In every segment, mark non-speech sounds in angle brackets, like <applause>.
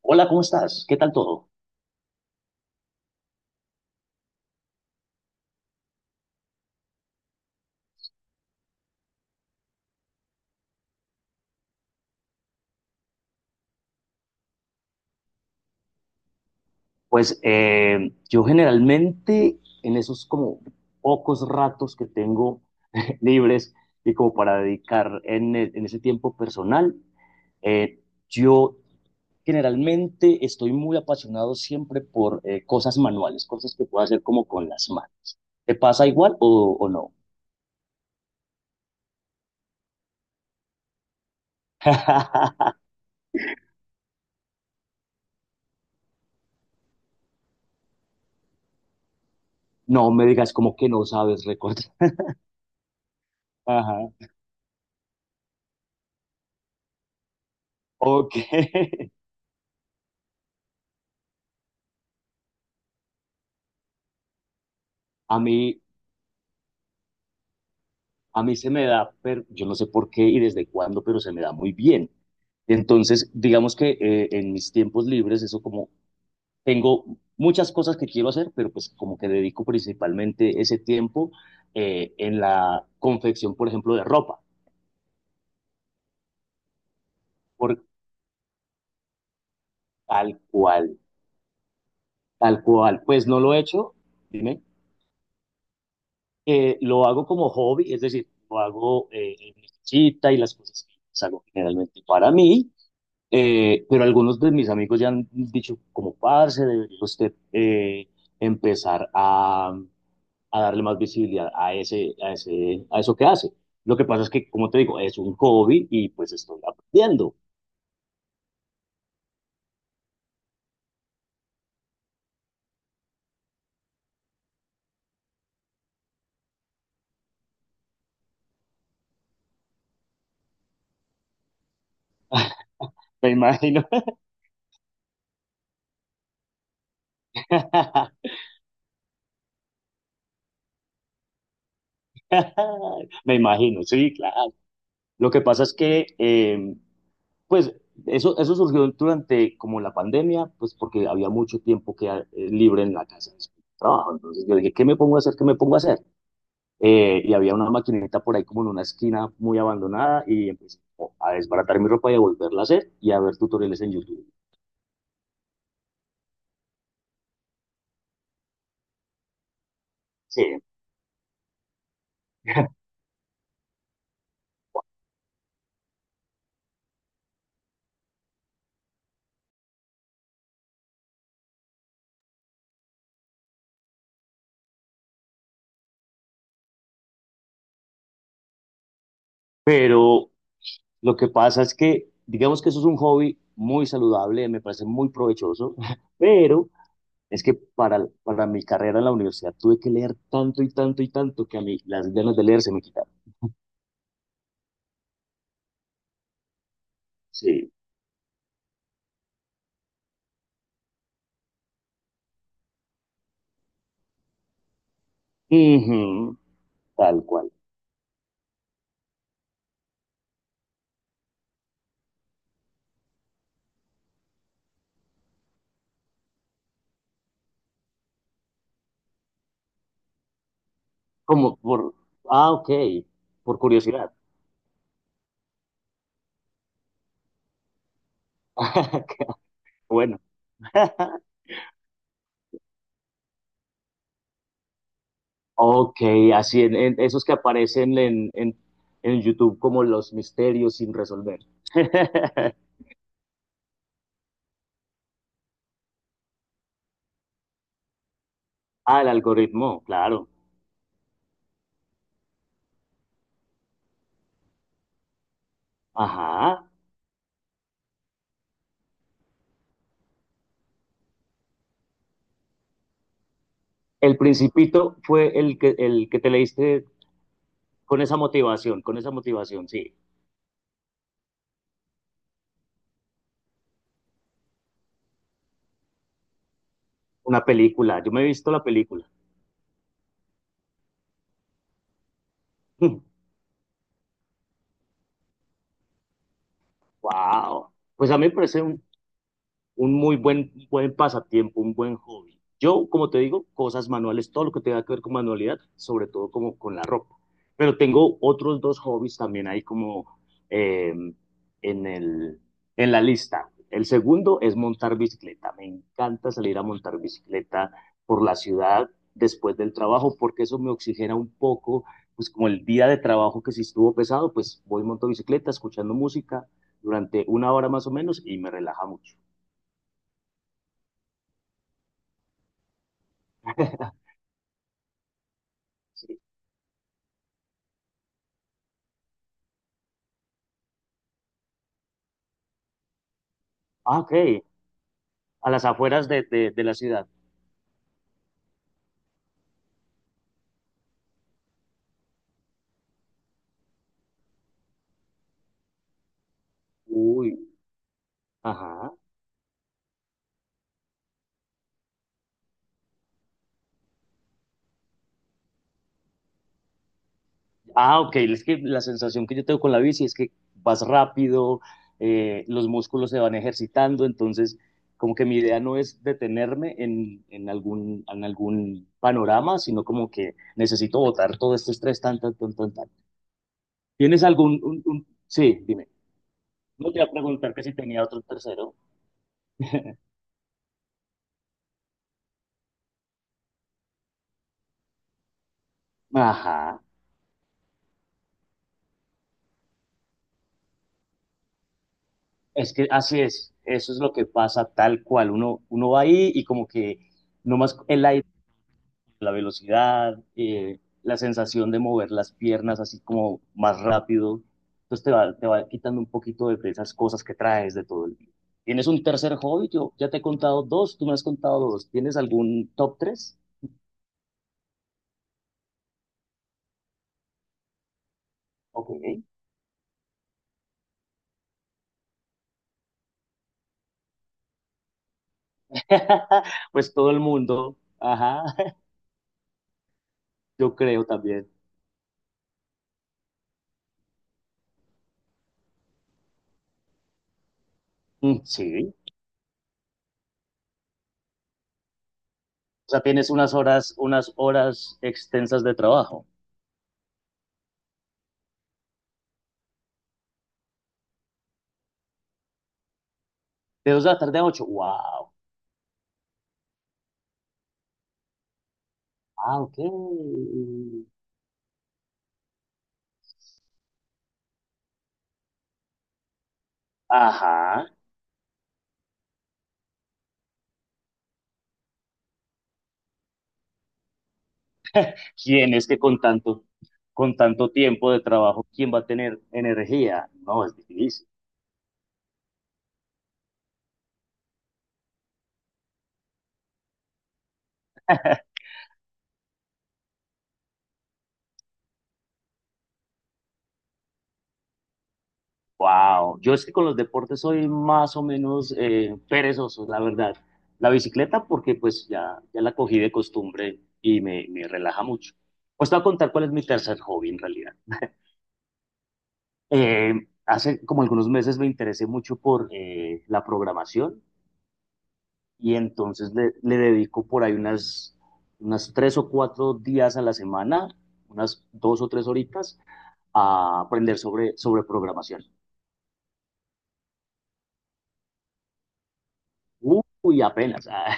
Hola, ¿cómo estás? ¿Qué tal todo? Pues yo generalmente en esos como pocos ratos que tengo <laughs> libres y como para dedicar en ese tiempo personal, eh, yo generalmente estoy muy apasionado siempre por cosas manuales, cosas que puedo hacer como con las manos. ¿Te pasa igual o no? <laughs> No me digas como que no sabes recortar. <laughs> Ajá. Ok. <laughs> A mí, a mí se me da, pero yo no sé por qué y desde cuándo, pero se me da muy bien. Entonces, digamos que en mis tiempos libres, eso como tengo muchas cosas que quiero hacer, pero pues como que dedico principalmente ese tiempo en la confección, por ejemplo, de ropa, por tal cual, tal cual. Pues no lo he hecho, dime, lo hago como hobby, es decir, lo hago en mi cita y las cosas que hago generalmente para mí. Pero algunos de mis amigos ya han dicho, como parce, debería usted empezar a darle más visibilidad a eso que hace. Lo que pasa es que, como te digo, es un hobby y pues estoy aprendiendo. Me imagino. <laughs> Me imagino, sí, claro. Lo que pasa es que, pues, eso surgió durante como la pandemia, pues porque había mucho tiempo que, libre en la casa después del trabajo. Entonces yo dije, ¿qué me pongo a hacer? ¿Qué me pongo a hacer? Eh, y había una maquinita por ahí como en una esquina muy abandonada y empecé a desbaratar mi ropa y a volverla a hacer y a ver tutoriales en YouTube. Sí, pero lo que pasa es que, digamos que eso es un hobby muy saludable, me parece muy provechoso, <laughs> pero es que para mi carrera en la universidad tuve que leer tanto y tanto y tanto que a mí las ganas de leer se me quitaron. Sí. Ujú. Tal cual. Como por, ah, ok, por curiosidad. <laughs> Qué bueno. <laughs> Ok, así en esos que aparecen en YouTube como los misterios sin resolver. <laughs> Ah, el algoritmo, claro. Ajá. El Principito fue el que te leíste con esa motivación, sí. Una película. Yo me he visto la película. <laughs> Wow. Pues a mí me parece un muy buen, buen pasatiempo, un buen hobby. Yo, como te digo, cosas manuales, todo lo que tenga que ver con manualidad, sobre todo como con la ropa. Pero tengo otros dos hobbies también ahí como eh, en el, en la lista. El segundo es montar bicicleta. Me encanta salir a montar bicicleta por la ciudad después del trabajo porque eso me oxigena un poco, pues como el día de trabajo que si estuvo pesado, pues voy y monto bicicleta escuchando música durante una hora más o menos y me relaja mucho. <laughs> Sí. Ah, ok. A las afueras de la ciudad. Uy, ajá. Ah, ok. Es que la sensación que yo tengo con la bici es que vas rápido, los músculos se van ejercitando, entonces como que mi idea no es detenerme en algún panorama, sino como que necesito botar todo este estrés, tan, tan, tan, tan, tan. ¿Tienes algún, un- Sí, dime. No te iba a preguntar que si tenía otro tercero. Ajá. Es que así es, eso es lo que pasa tal cual. Uno va ahí y como que nomás el aire, la velocidad, la sensación de mover las piernas así como más rápido. Entonces te va quitando un poquito de esas cosas que traes de todo el día. ¿Tienes un tercer hobby? Yo ya te he contado dos, tú me has contado dos. ¿Tienes algún top tres? Ok. <laughs> Pues todo el mundo, ajá, <laughs> yo creo también. Mm, sí. O sea, tienes unas horas extensas de trabajo. De 2 de la tarde a ocho. Wow. Ah, ok. Ajá. ¿Quién es que con tanto, ¿con tanto tiempo de trabajo, quién va a tener energía? No, es difícil. Wow. Yo es que con los deportes soy más o menos perezoso, la verdad. La bicicleta porque pues ya la cogí de costumbre y me relaja mucho. Pues te voy a contar cuál es mi tercer hobby en realidad. Eh, hace como algunos meses me interesé mucho por la programación y entonces le dedico por ahí unas, unas tres o cuatro días a la semana, unas dos o tres horitas, a aprender sobre programación. Uy, apenas, <laughs> ah,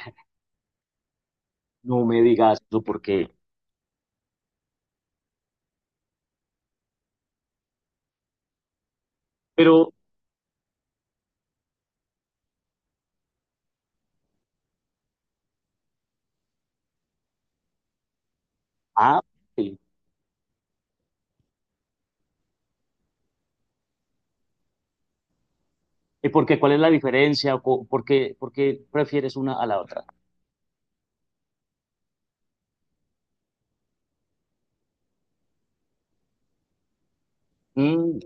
no me digas eso porque, pero, ah, sí. ¿Y por qué? ¿Cuál es la diferencia? ¿O ¿por qué, por qué prefieres una a la otra? Mm,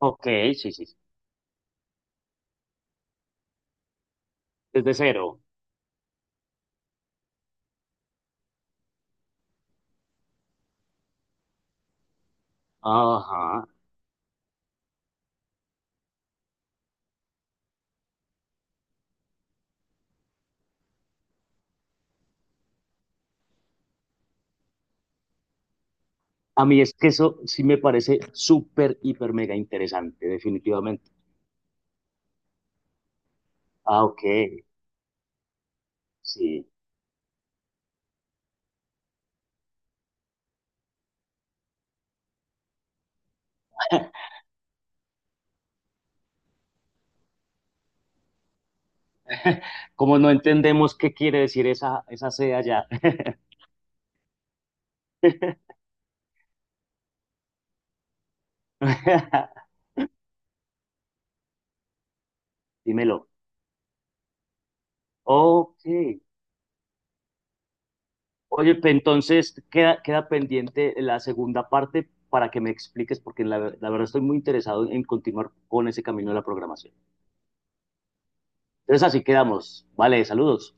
ok, sí, sí, sí. Desde cero. Ajá. A mí es que eso sí me parece súper, hiper, mega interesante, definitivamente. Ah, ok, sí. <laughs> Como no entendemos qué quiere decir esa, esa C allá. <laughs> Dímelo. Ok. Oye, pe- entonces queda, queda pendiente la segunda parte para que me expliques, porque la, ver- la verdad estoy muy interesado en continuar con ese camino de la programación. Entonces así quedamos. Vale, saludos.